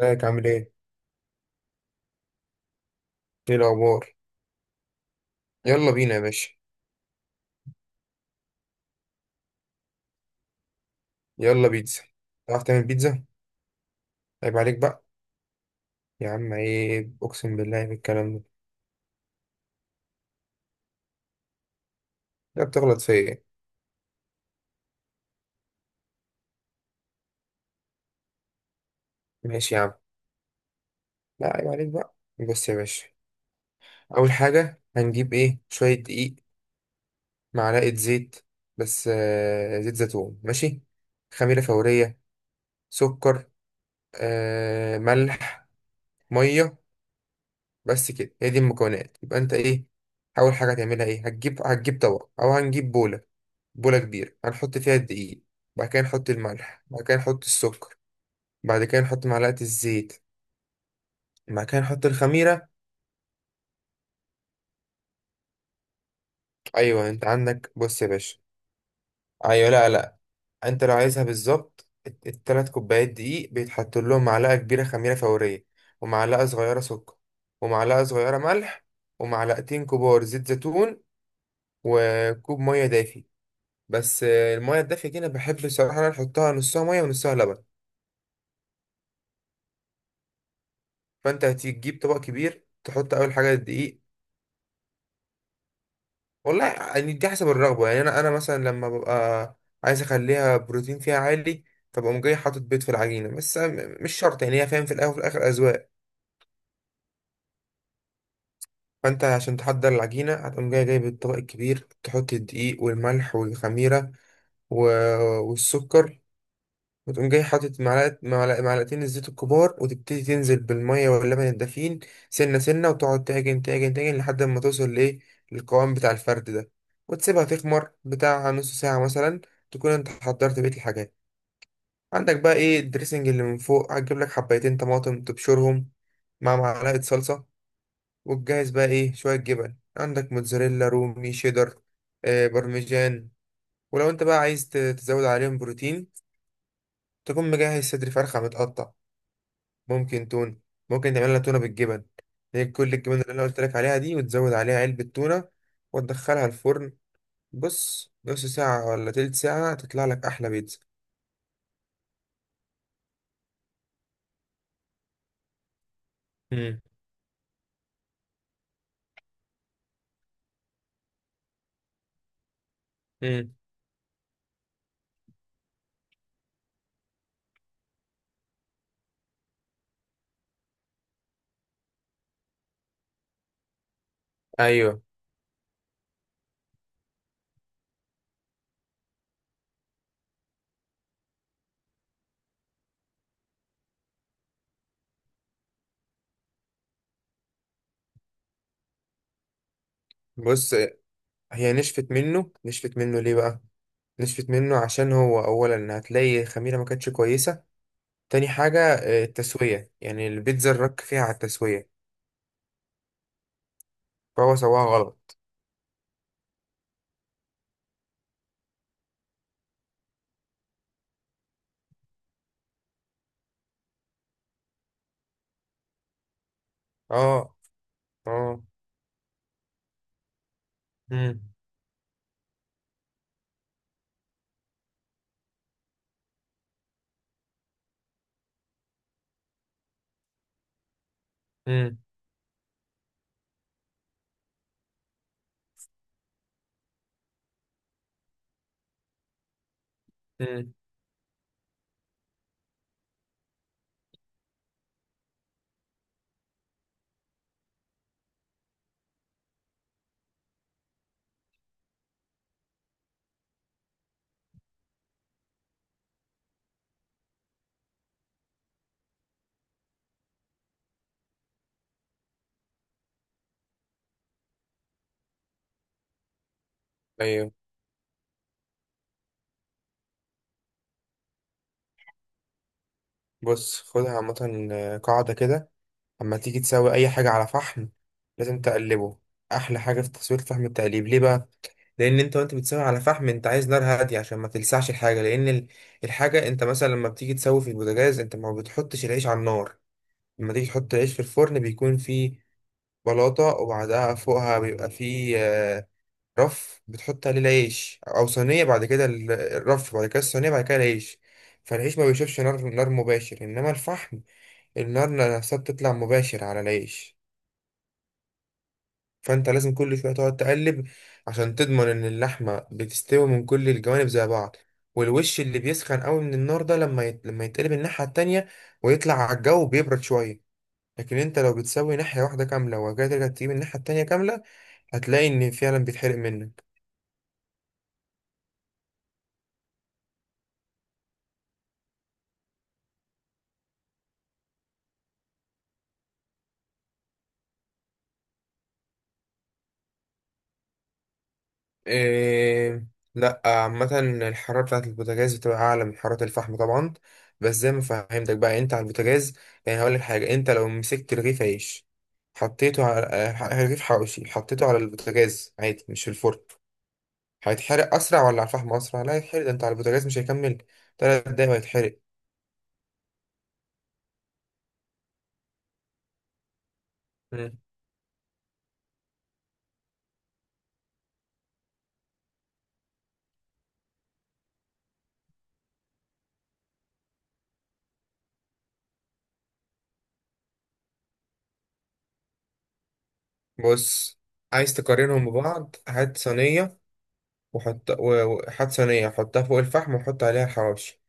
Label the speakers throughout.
Speaker 1: ازيك عامل ايه؟ ايه الأخبار؟ يلا بينا يا باشا. يلا بيتزا. تعرف تعمل بيتزا؟ عيب عليك بقى، يا عم عيب، أقسم بالله بالكلام ده. لا بتغلط فيا ايه؟ ماشي يا عم. لا عيب عليك بقى. بص يا باشا، أول حاجة هنجيب ايه؟ شوية دقيق، معلقة زيت، بس زيت زيتون ماشي؟ خميرة فورية، سكر، ملح، مية. بس كده هي دي المكونات، يبقى انت ايه؟ أول حاجة هتعملها ايه؟ هتجيب طبق، أو هنجيب بولة، بولة كبيرة هنحط فيها الدقيق. بعد كده نحط الملح، بعد كده نحط السكر، بعد كده نحط معلقة الزيت، بعد كده نحط الخميرة. أيوة أنت عندك، بص يا باشا. أيوة، لا لا. أنت لو عايزها بالظبط، التلات كوبايات دقيق بيتحط لهم معلقة كبيرة خميرة فورية، ومعلقة صغيرة سكر، ومعلقة صغيرة ملح، ومعلقتين كبار زيت زيتون، وكوب مية دافي. بس المية الدافية دي، أنا بحب الصراحة أنا أحطها نصها مية ونصها لبن. فأنت هتجيب طبق كبير، تحط اول حاجه الدقيق. والله يعني دي حسب الرغبة، يعني أنا مثلا لما ببقى عايز أخليها بروتين فيها عالي، فبقوم جاي حاطط بيض في العجينة، بس مش شرط، يعني هي فاهم، في الأول وفي الآخر أذواق. فأنت عشان تحضر العجينة، هتقوم جاي جايب الطبق الكبير، تحط الدقيق والملح والخميرة والسكر، وتقوم جاي حاطط معلقة معلقة معلقتين الزيت الكبار، وتبتدي تنزل بالمية واللبن الدافين سنة سنة، وتقعد تعجن تعجن تعجن لحد ما توصل لإيه، للقوام بتاع الفرد ده. وتسيبها تخمر بتاع نص ساعة مثلا. تكون انت حضرت بقية الحاجات، عندك بقى ايه الدريسنج اللي من فوق. هتجيب لك حبايتين طماطم تبشرهم مع معلقة صلصة، وتجهز بقى ايه، شوية جبن عندك، موتزاريلا، رومي، شيدر، بارميجان. ولو انت بقى عايز تزود عليهم بروتين، تكون مجهز صدر فرخة متقطع. ممكن تون، ممكن نعمل لها تونة بالجبن، هي كل الجبن اللي انا قلت لك عليها دي وتزود عليها علبة تونة، وتدخلها الفرن. بص، نص ساعة ولا تلت ساعة تطلع لك أحلى بيتزا. مم. مم. أيوه، بص، هي نشفت منه. نشفت منه ليه بقى؟ نشفت منه عشان هو أولا هتلاقي الخميرة ما كانتش كويسة. تاني حاجة، التسوية، يعني البيتزا الرك فيها على التسوية، فهو سواها غلط. اه اه. مم. مم. مم. أيوه بص، خدها عامة قاعدة كده. أما تيجي تسوي أي حاجة على فحم، لازم تقلبه. أحلى حاجة في تسوية فحم التقليب. ليه بقى؟ لأن أنت وأنت بتسوي على فحم، أنت عايز نار هادية عشان ما تلسعش الحاجة، لأن الحاجة، أنت مثلا لما بتيجي تسوي في البوتاجاز، أنت ما بتحطش العيش على النار. لما تيجي تحط العيش في الفرن، بيكون فيه بلاطة، وبعدها فوقها بيبقى فيه رف بتحط عليه العيش أو صينية. بعد كده الرف، بعد كده الصينية، بعد كده العيش. فالعيش ما بيشوفش نار نار مباشر، إنما الفحم، النار نفسها بتطلع مباشر على العيش. فانت لازم كل شويه تقعد تقلب، عشان تضمن ان اللحمه بتستوي من كل الجوانب زي بعض. والوش اللي بيسخن قوي من النار ده، لما يتقلب الناحيه التانية ويطلع على الجو بيبرد شويه. لكن انت لو بتسوي ناحيه واحده كامله، وجاي ترجع تجيب الناحيه التانية كامله، هتلاقي ان فعلا بيتحرق منك. إيه؟ لا، عامة الحرارة بتاعة البوتاجاز بتبقى أعلى من حرارة الفحم طبعا. بس زي ما فهمتك بقى، أنت على البوتاجاز، يعني هقولك حاجة. أنت لو مسكت رغيف عيش، حطيته على رغيف حواوشي، حطيته على البوتاجاز عادي مش في الفرن، هيتحرق أسرع ولا على الفحم أسرع؟ لا، هيتحرق. ده أنت على البوتاجاز مش هيكمل 3 دقايق وهيتحرق. مم. بص، عايز تقارنهم ببعض، هات صينية وحط صينية، حطها فوق الفحم، وحط عليها الحواوشي،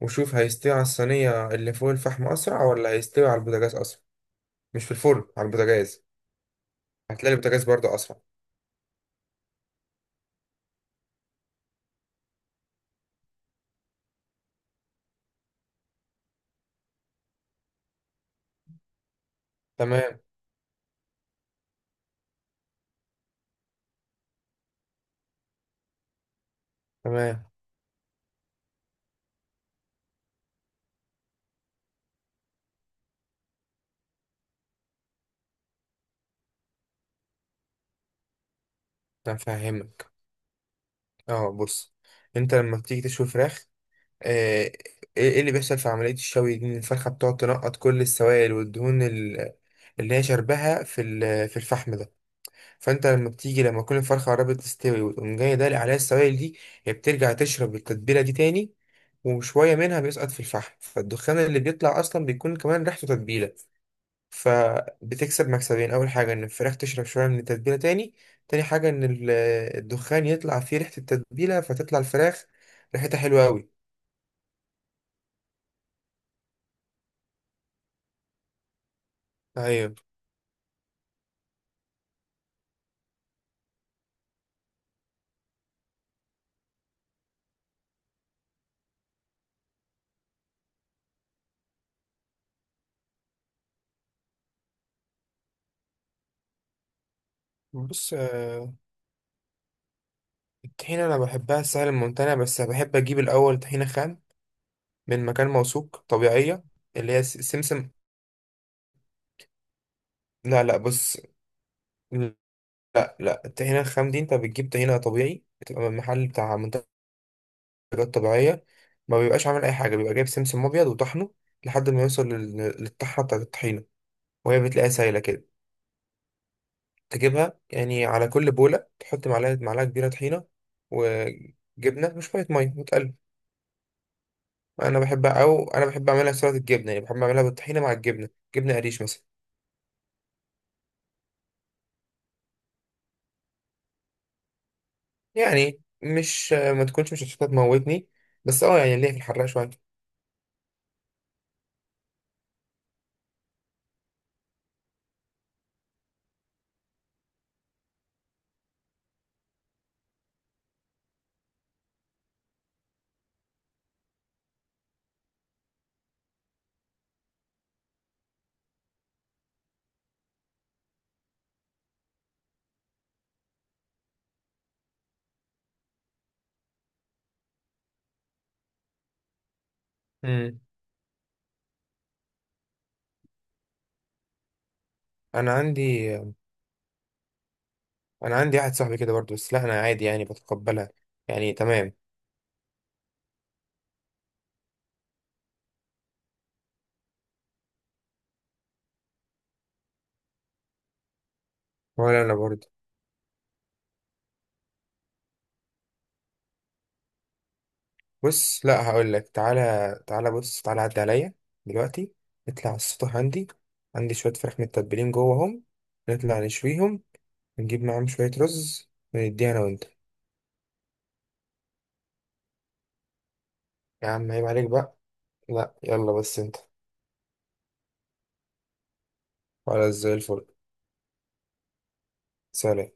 Speaker 1: وشوف هيستوي على الصينية اللي فوق الفحم أسرع ولا هيستوي على البوتاجاز أسرع. مش في الفرن، على البوتاجاز. هتلاقي البوتاجاز برضه أسرع. تمام تمام، أنا فاهمك. أه بص، أنت لما بتيجي تشوي فراخ، إيه إيه اللي بيحصل في عملية الشوي دي، إن الفرخة بتقعد تنقط كل السوائل والدهون اللي هي شربها في في الفحم ده. فانت لما بتيجي، لما تكون الفرخه قربت تستوي، وتقوم جاي دالق عليها السوائل دي، هي بترجع تشرب التتبيله دي تاني، وشويه منها بيسقط في الفحم، فالدخان اللي بيطلع اصلا بيكون كمان ريحته تتبيله. فبتكسب مكسبين، اول حاجه ان الفراخ تشرب شويه من التتبيله تاني، تاني حاجه ان الدخان يطلع فيه ريحه التتبيله، فتطلع الفراخ ريحتها حلوه قوي. طيب، بص، الطحينه انا بحبها سهل الممتنع، بس بحب اجيب الاول طحينه خام من مكان موثوق، طبيعيه. اللي هي سمسم. لا لا، بص، لا لا، الطحينة الخام دي انت بتجيب طحينة طبيعي، بتبقى من محل بتاع منتجات طبيعية. ما بيبقاش عامل أي حاجة، بيبقى جايب سمسم أبيض وطحنه لحد ما يوصل للطحنة بتاعت الطحينة، وهي بتلاقيها سايلة كده. تجيبها يعني، على كل بولة تحط معلقة كبيرة طحينة، وجبنة، وشوية مية، وتقلب. أنا بحب أعملها سلطة الجبنة، يعني بحب أعملها بالطحينة مع الجبنة، جبنة قريش مثلا. يعني مش ما تكونش مش هتموتني، بس اه، يعني ليه في الحراق شوية. انا عندي انا عندي واحد صاحبي كده برضه، بس لا انا عادي يعني بتقبلها، يعني تمام. ولا انا برضه. بص، لا هقول لك، تعالى تعالى، بص تعالى عدي عليا دلوقتي، نطلع على السطح. عندي شويه فراخ متبلين جواهم، نطلع نشويهم، ونجيب معاهم شويه رز، ونديها انا وانت. يا عم عيب عليك بقى. لا يلا بس انت. خلاص زي الفل. سلام.